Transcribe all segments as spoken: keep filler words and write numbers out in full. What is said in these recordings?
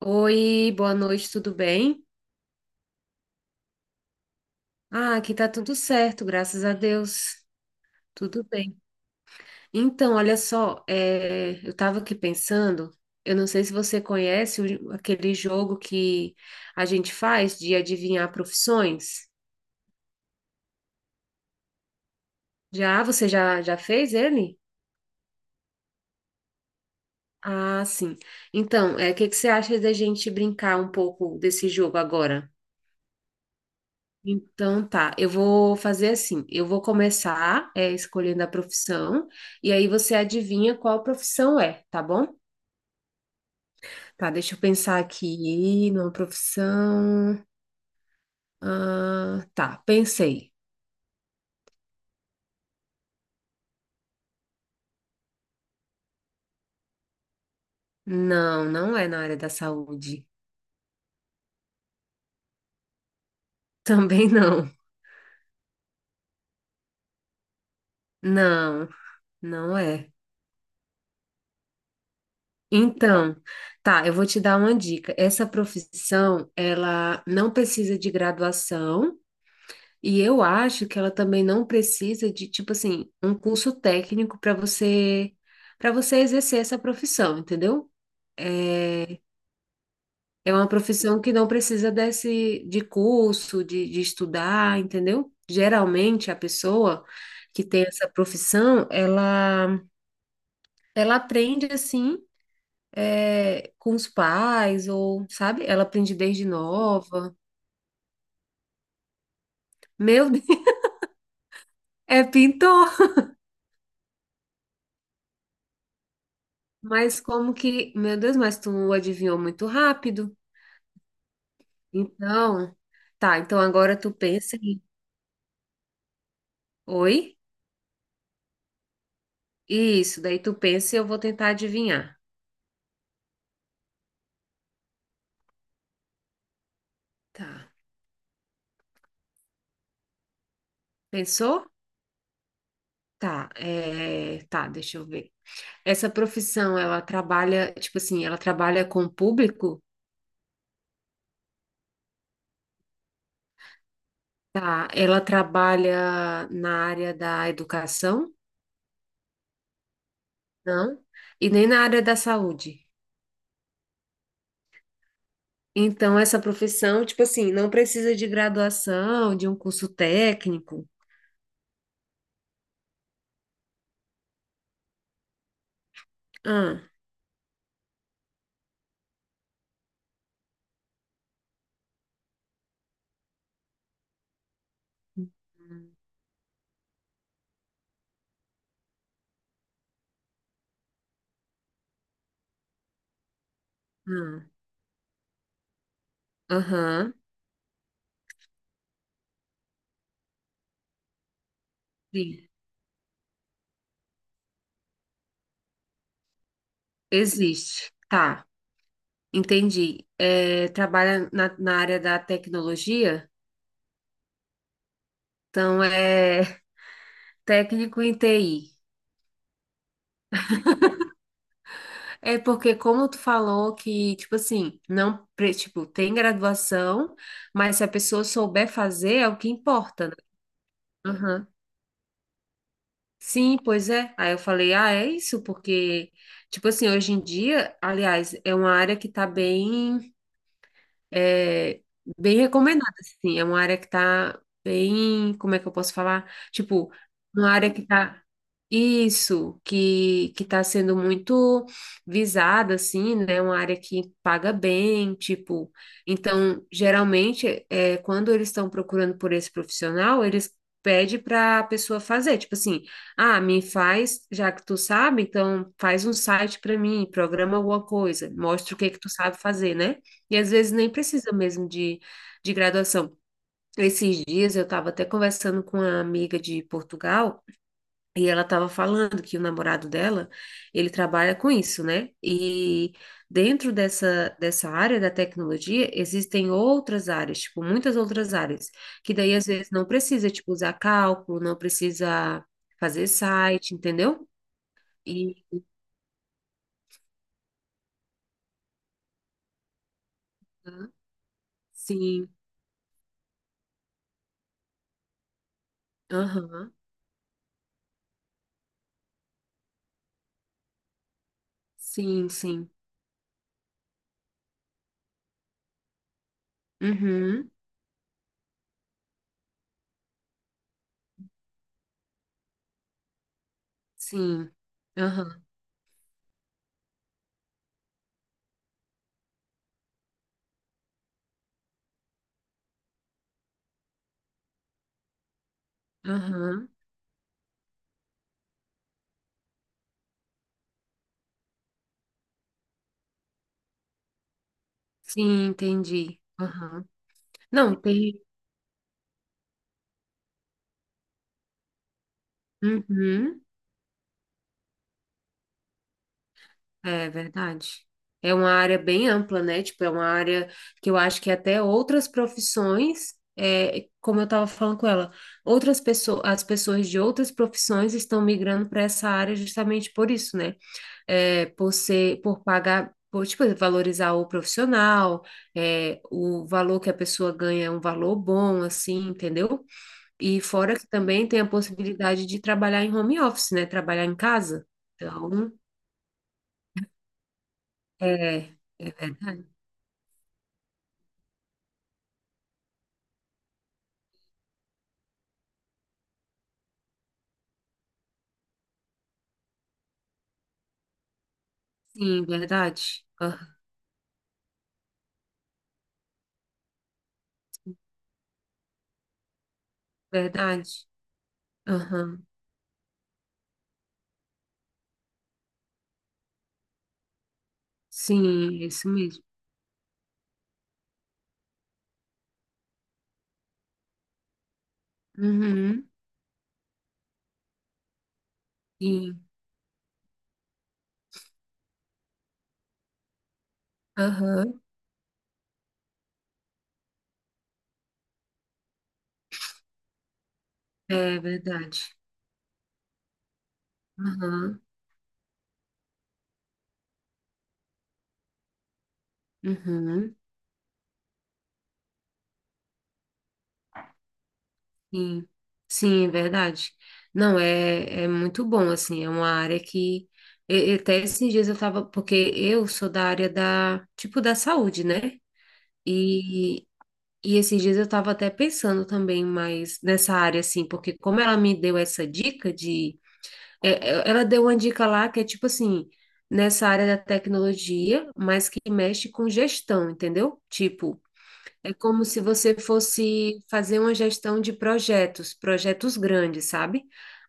Oi, boa noite, tudo bem? Ah, aqui tá tudo certo, graças a Deus. Tudo bem. Então, olha só, é, eu tava aqui pensando, eu não sei se você conhece o- aquele jogo que a gente faz de adivinhar profissões. Já, você já, já fez ele? Ah, sim. Então, é, o que que você acha da gente brincar um pouco desse jogo agora? Então tá, eu vou fazer assim, eu vou começar é, escolhendo a profissão e aí você adivinha qual profissão é, tá bom? Tá, deixa eu pensar aqui numa profissão. Ah, tá, pensei. Não, não é na área da saúde. Também não. Não, não é. Então, tá, eu vou te dar uma dica. Essa profissão, ela não precisa de graduação. E eu acho que ela também não precisa de, tipo assim, um curso técnico para você para você exercer essa profissão, entendeu? É, é uma profissão que não precisa desse de curso, de, de estudar, entendeu? Geralmente a pessoa que tem essa profissão, ela ela aprende assim, é, com os pais ou, sabe? Ela aprende desde nova. Meu Deus, é pintor. Mas como que, meu Deus, mas tu adivinhou muito rápido. Então, tá, então agora tu pensa em, oi? Isso, daí tu pensa e eu vou tentar adivinhar. Tá. Pensou? Tá, é, tá, deixa eu ver. Essa profissão, ela trabalha, tipo assim, ela trabalha com o público? Tá, ela trabalha na área da educação? Não. E nem na área da saúde. Então, essa profissão, tipo assim, não precisa de graduação, de um curso técnico. Ah, ah, aham, sim, existe. Tá, entendi. É, trabalha na, na área da tecnologia, então é técnico em T I. É porque, como tu falou que, tipo assim, não, pre- tipo, tem graduação, mas se a pessoa souber fazer, é o que importa, né? Aham. Sim, pois é. Aí eu falei, ah, é isso, porque, tipo assim, hoje em dia, aliás, é uma área que tá bem. É bem recomendada, assim. É uma área que tá bem, como é que eu posso falar? Tipo, uma área que tá isso, que que tá sendo muito visada, assim, né? Uma área que paga bem, tipo. Então, geralmente, é, quando eles estão procurando por esse profissional, eles pedem para a pessoa fazer, tipo assim, ah, me faz, já que tu sabe, então faz um site para mim, programa alguma coisa, mostra o que que tu sabe fazer, né? E às vezes nem precisa mesmo de, de graduação. Esses dias eu estava até conversando com uma amiga de Portugal e ela estava falando que o namorado dela, ele trabalha com isso, né? E dentro dessa, dessa área da tecnologia, existem outras áreas, tipo, muitas outras áreas, que daí às vezes não precisa, tipo, usar cálculo, não precisa fazer site, entendeu? E sim, aham, sim, sim, uhum, sim, aham. Aham. Sim, entendi. Aham. Não, tem. Uhum. É verdade. É uma área bem ampla, né? Tipo, é uma área que eu acho que até outras profissões, é, como eu estava falando com ela, outras pessoas, as pessoas de outras profissões estão migrando para essa área justamente por isso, né? É, por ser, por pagar, por, tipo, valorizar o profissional, é, o valor que a pessoa ganha é um valor bom, assim, entendeu? E fora que também tem a possibilidade de trabalhar em home office, né? Trabalhar em casa. Então, é, é verdade. Sim, verdade. Ah, verdade. Aham. Sim, é isso mesmo. Uhum. Sim. Aham. É verdade. Aham. Uhum. Sim. Sim, é verdade. Não, é, é muito bom, assim, é uma área que. e- e até esses dias eu tava, porque eu sou da área da, tipo, da saúde, né? E, e esses dias eu estava até pensando também mais nessa área, assim, porque como ela me deu essa dica de. é, é, Ela deu uma dica lá que é tipo assim, nessa área da tecnologia, mas que mexe com gestão, entendeu? Tipo, é como se você fosse fazer uma gestão de projetos, projetos grandes, sabe?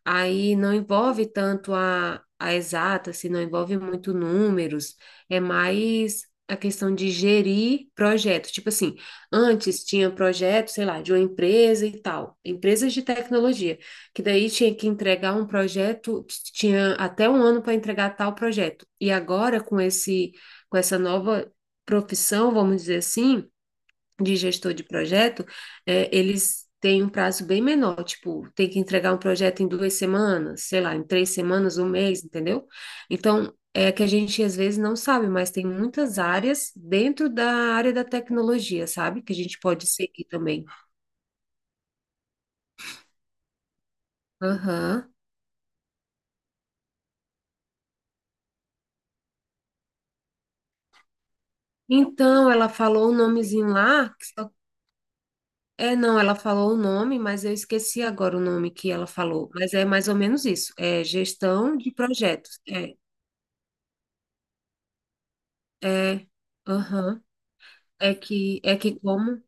Aí não envolve tanto a, a exata, se não envolve muito números, é mais a questão de gerir projetos. Tipo assim, antes tinha projeto, sei lá, de uma empresa e tal, empresas de tecnologia, que daí tinha que entregar um projeto, tinha até um ano para entregar tal projeto. E agora com esse, com essa nova profissão, vamos dizer assim, de gestor de projeto, é, eles têm um prazo bem menor, tipo, tem que entregar um projeto em duas semanas, sei lá, em três semanas, um mês, entendeu? Então, é que a gente às vezes não sabe, mas tem muitas áreas dentro da área da tecnologia, sabe? Que a gente pode seguir também. Aham. Então, ela falou o nomezinho lá, que só- é, não, ela falou o nome, mas eu esqueci agora o nome que ela falou. Mas é mais ou menos isso, é gestão de projetos. É, é, aham. É que, é que como,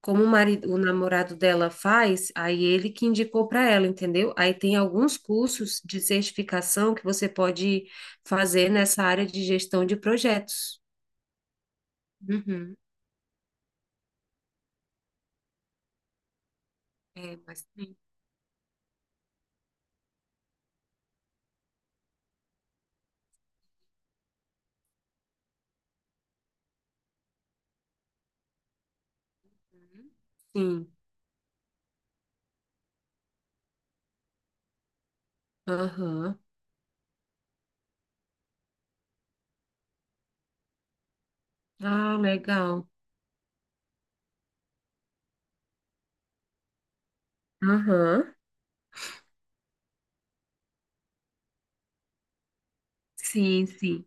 como o marido, o namorado dela faz, aí ele que indicou para ela, entendeu? Aí tem alguns cursos de certificação que você pode fazer nessa área de gestão de projetos. Uhum. É, mas tem. Uhum. Sim. Aham. Ah, legal. Aham. Sim, sim.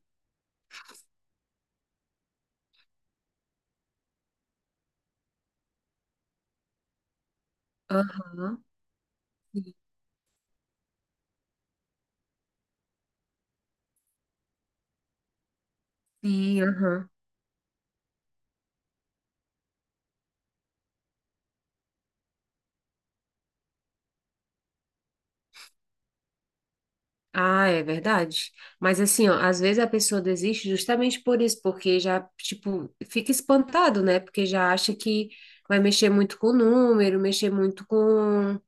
Aham. Sim, sim, aham. Ah, é verdade. Mas assim, ó, às vezes a pessoa desiste justamente por isso, porque já, tipo, fica espantado, né? Porque já acha que vai mexer muito com o número, mexer muito com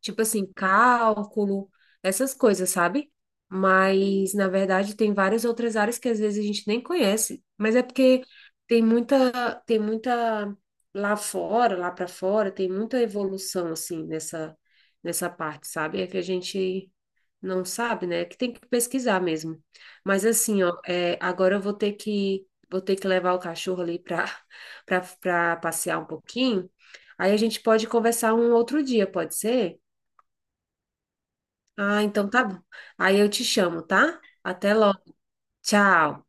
tipo assim, cálculo, essas coisas, sabe? Mas, na verdade, tem várias outras áreas que às vezes a gente nem conhece, mas é porque tem muita, tem muita lá fora, lá para fora, tem muita evolução, assim, nessa, nessa parte, sabe? É que a gente não sabe, né? É que tem que pesquisar mesmo. Mas, assim, ó, é, agora eu vou ter que, vou ter que levar o cachorro ali para para passear um pouquinho. Aí a gente pode conversar um outro dia, pode ser? Ah, então tá bom. Aí eu te chamo, tá? Até logo. Tchau.